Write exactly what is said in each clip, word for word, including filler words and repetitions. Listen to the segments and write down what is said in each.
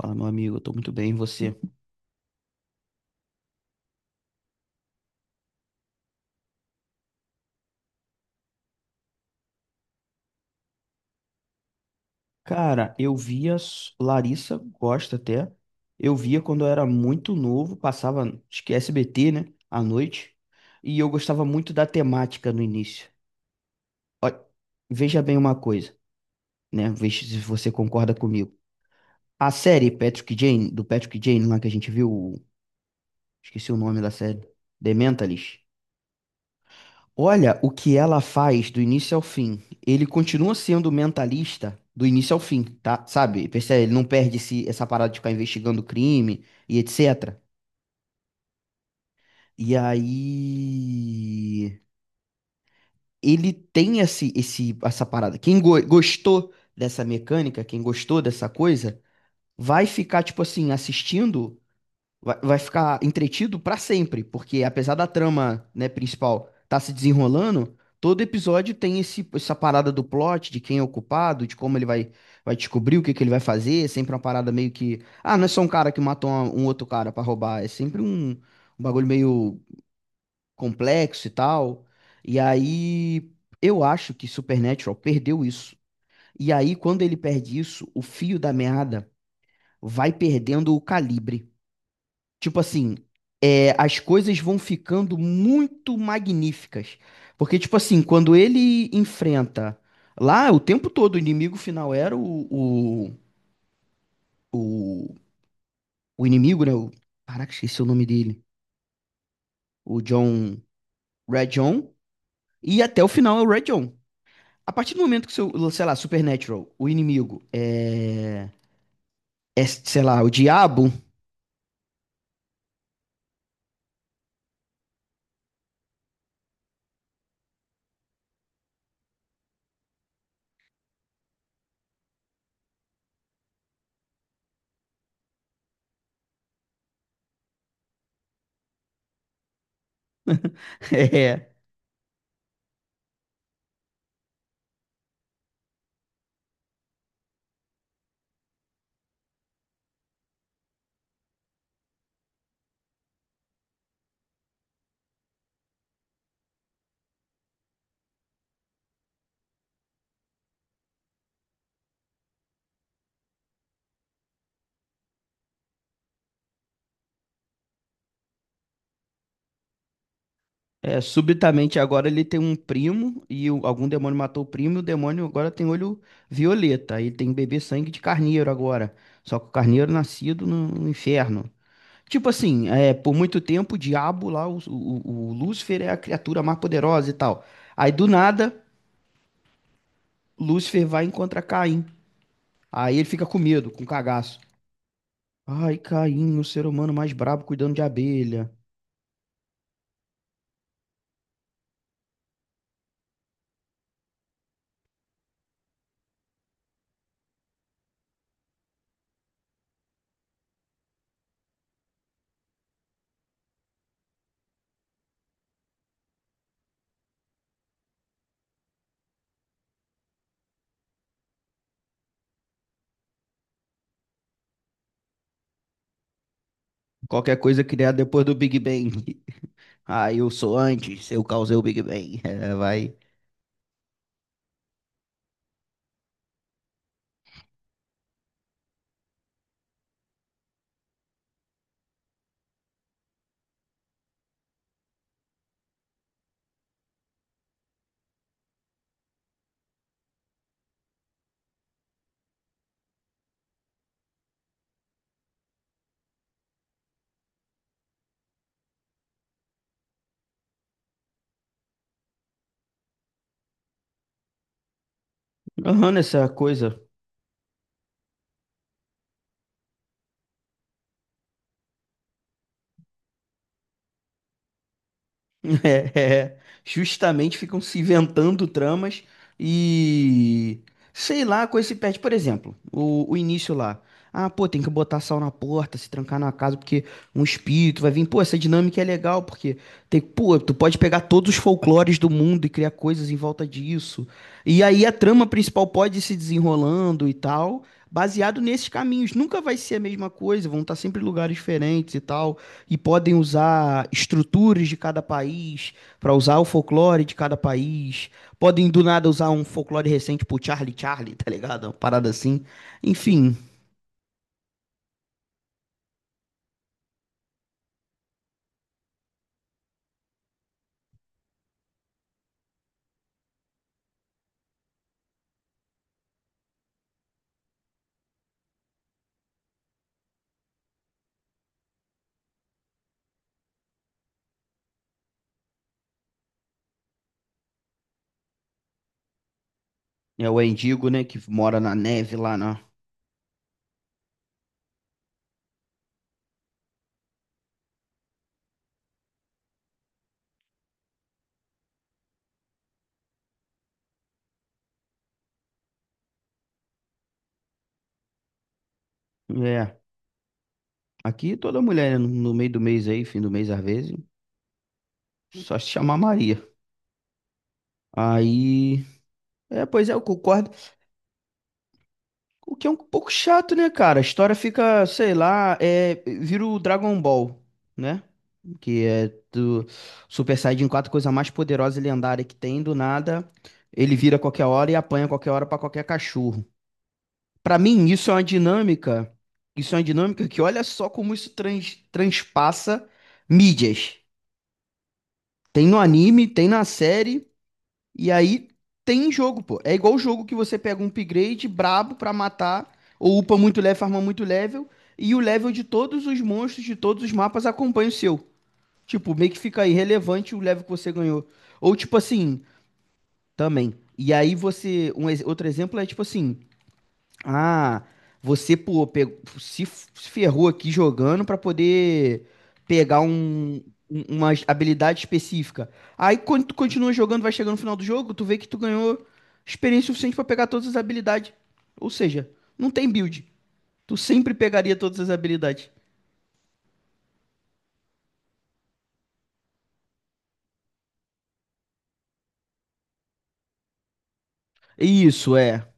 Fala, meu amigo, eu tô muito bem, e você? Cara, eu via s- Larissa Costa até. Eu via quando eu era muito novo, passava, acho que S B T, né, à noite, e eu gostava muito da temática no início. Ó, veja bem uma coisa, né? Veja se você concorda comigo. A série Patrick Jane, do Patrick Jane lá que a gente viu, o- esqueci o nome da série, The Mentalist. Olha o que ela faz do início ao fim. Ele continua sendo mentalista do início ao fim, tá? Sabe? Percebe? Ele não perde esse, essa parada de ficar investigando crime e etcétera. E aí. Ele tem esse, esse, essa parada. Quem go- gostou dessa mecânica, quem gostou dessa coisa, vai ficar, tipo assim, assistindo. vai, vai ficar entretido pra sempre, porque apesar da trama, né, principal tá se desenrolando, todo episódio tem esse, essa parada do plot, de quem é o culpado, de como ele vai, vai descobrir o que que ele vai fazer, é sempre uma parada meio que, ah, não é só um cara que matou uma- um outro cara pra roubar, é sempre um, um bagulho meio complexo e tal. E aí, eu acho que Supernatural perdeu isso. E aí, quando ele perde isso, o fio da meada vai perdendo o calibre. Tipo assim, é, as coisas vão ficando muito magníficas. Porque, tipo assim, quando ele enfrenta. Lá, o tempo todo, o inimigo final era o. O, o, o inimigo, né? O, caraca, esqueci o nome dele. O John. Red John. E até o final é o Red John. A partir do momento que, seu, sei lá, Supernatural, o inimigo é. É, sei lá, o diabo. É. É, subitamente agora ele tem um primo e o- algum demônio matou o primo, e o demônio agora tem olho violeta, aí tem bebê sangue de carneiro agora. Só que o carneiro nascido no, no inferno. Tipo assim, é, por muito tempo o diabo lá, o, o, o Lúcifer é a criatura mais poderosa e tal. Aí do nada, Lúcifer vai e encontra Caim. Aí ele fica com medo, com cagaço. Ai, Caim, o ser humano mais brabo cuidando de abelha. Qualquer coisa criada depois do Big Bang. Ah, eu sou antes, eu causei o Big Bang. É, vai agarrando essa coisa É, é, é. Justamente ficam se inventando tramas e sei lá, com esse pet, por exemplo, o, o início lá. Ah, pô, tem que botar sal na porta, se trancar na casa, porque um espírito vai vir. Pô, essa dinâmica é legal, porque tem, pô, tu pode pegar todos os folclores do mundo e criar coisas em volta disso. E aí a trama principal pode ir se desenrolando e tal, baseado nesses caminhos. Nunca vai ser a mesma coisa, vão estar sempre em lugares diferentes e tal e podem usar estruturas de cada país para usar o folclore de cada país. Podem do nada usar um folclore recente pro Charlie Charlie, tá ligado? Uma parada assim. Enfim, é o Endigo, né, que mora na neve lá, né? É. Aqui toda mulher né, no no meio do mês aí, fim do mês às vezes, só se chamar Maria. Aí, é, pois é, eu concordo. O que é um pouco chato, né, cara? A história fica, sei lá, é, vira o Dragon Ball, né? Que é do Super Saiyajin quatro, coisa mais poderosa e lendária que tem, do nada, ele vira a qualquer hora e apanha a qualquer hora pra qualquer cachorro. Pra mim, isso é uma dinâmica, isso é uma dinâmica que olha só como isso trans- transpassa mídias. Tem no anime, tem na série, e aí tem jogo, pô. É igual o jogo que você pega um upgrade brabo pra matar, ou upa muito level, farma muito level, e o level de todos os monstros de todos os mapas acompanha o seu. Tipo, meio que fica irrelevante o level que você ganhou. Ou tipo assim, também. E aí você, um, ex- outro exemplo é tipo assim, ah, você, pô, pe- se f- se ferrou aqui jogando pra poder pegar um, um- uma habilidade específica. Aí quando tu continua jogando, vai chegando no final do jogo, tu vê que tu ganhou experiência suficiente pra pegar todas as habilidades. Ou seja, não tem build. Tu sempre pegaria todas as habilidades. Isso, é.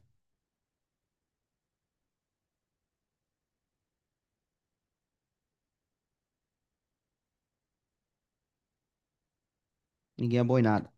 Ninguém é bom em nada.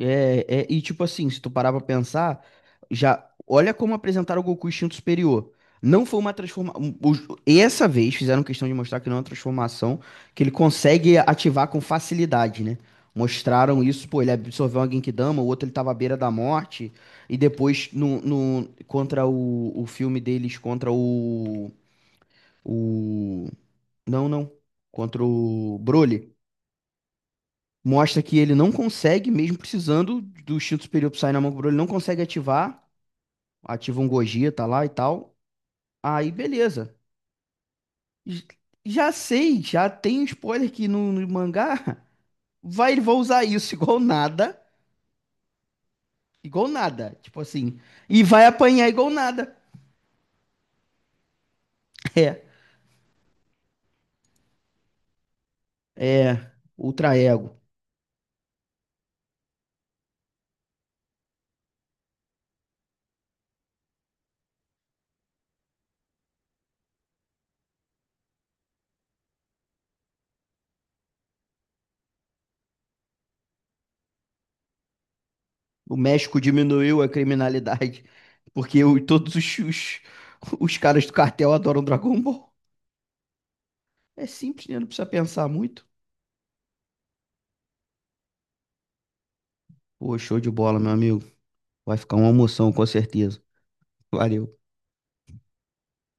É, é, e tipo assim, se tu parar pra pensar, já olha como apresentaram o Goku instinto superior. Não foi uma transformação. Essa vez fizeram questão de mostrar que não é uma transformação, que ele consegue ativar com facilidade, né? Mostraram isso, pô, ele absorveu uma Genkidama, o outro ele tava à beira da morte, e depois no, no- contra o, o filme deles, contra o, o. Não, não. Contra o Broly. Mostra que ele não consegue, mesmo precisando do instinto superior sair na mão com ele não consegue ativar. Ativa um Gogeta tá lá e tal. Aí, beleza. J- Já sei, já tem um spoiler que no, no mangá vai, ele vai usar isso igual nada. Igual nada. Tipo assim. E vai apanhar igual nada. É. É. Ultra ego. O México diminuiu a criminalidade. Porque o- todos os, os, os caras do cartel adoram Dragon Ball. É simples, né? Não precisa pensar muito. Pô, show de bola, meu amigo. Vai ficar uma emoção, com certeza. Valeu.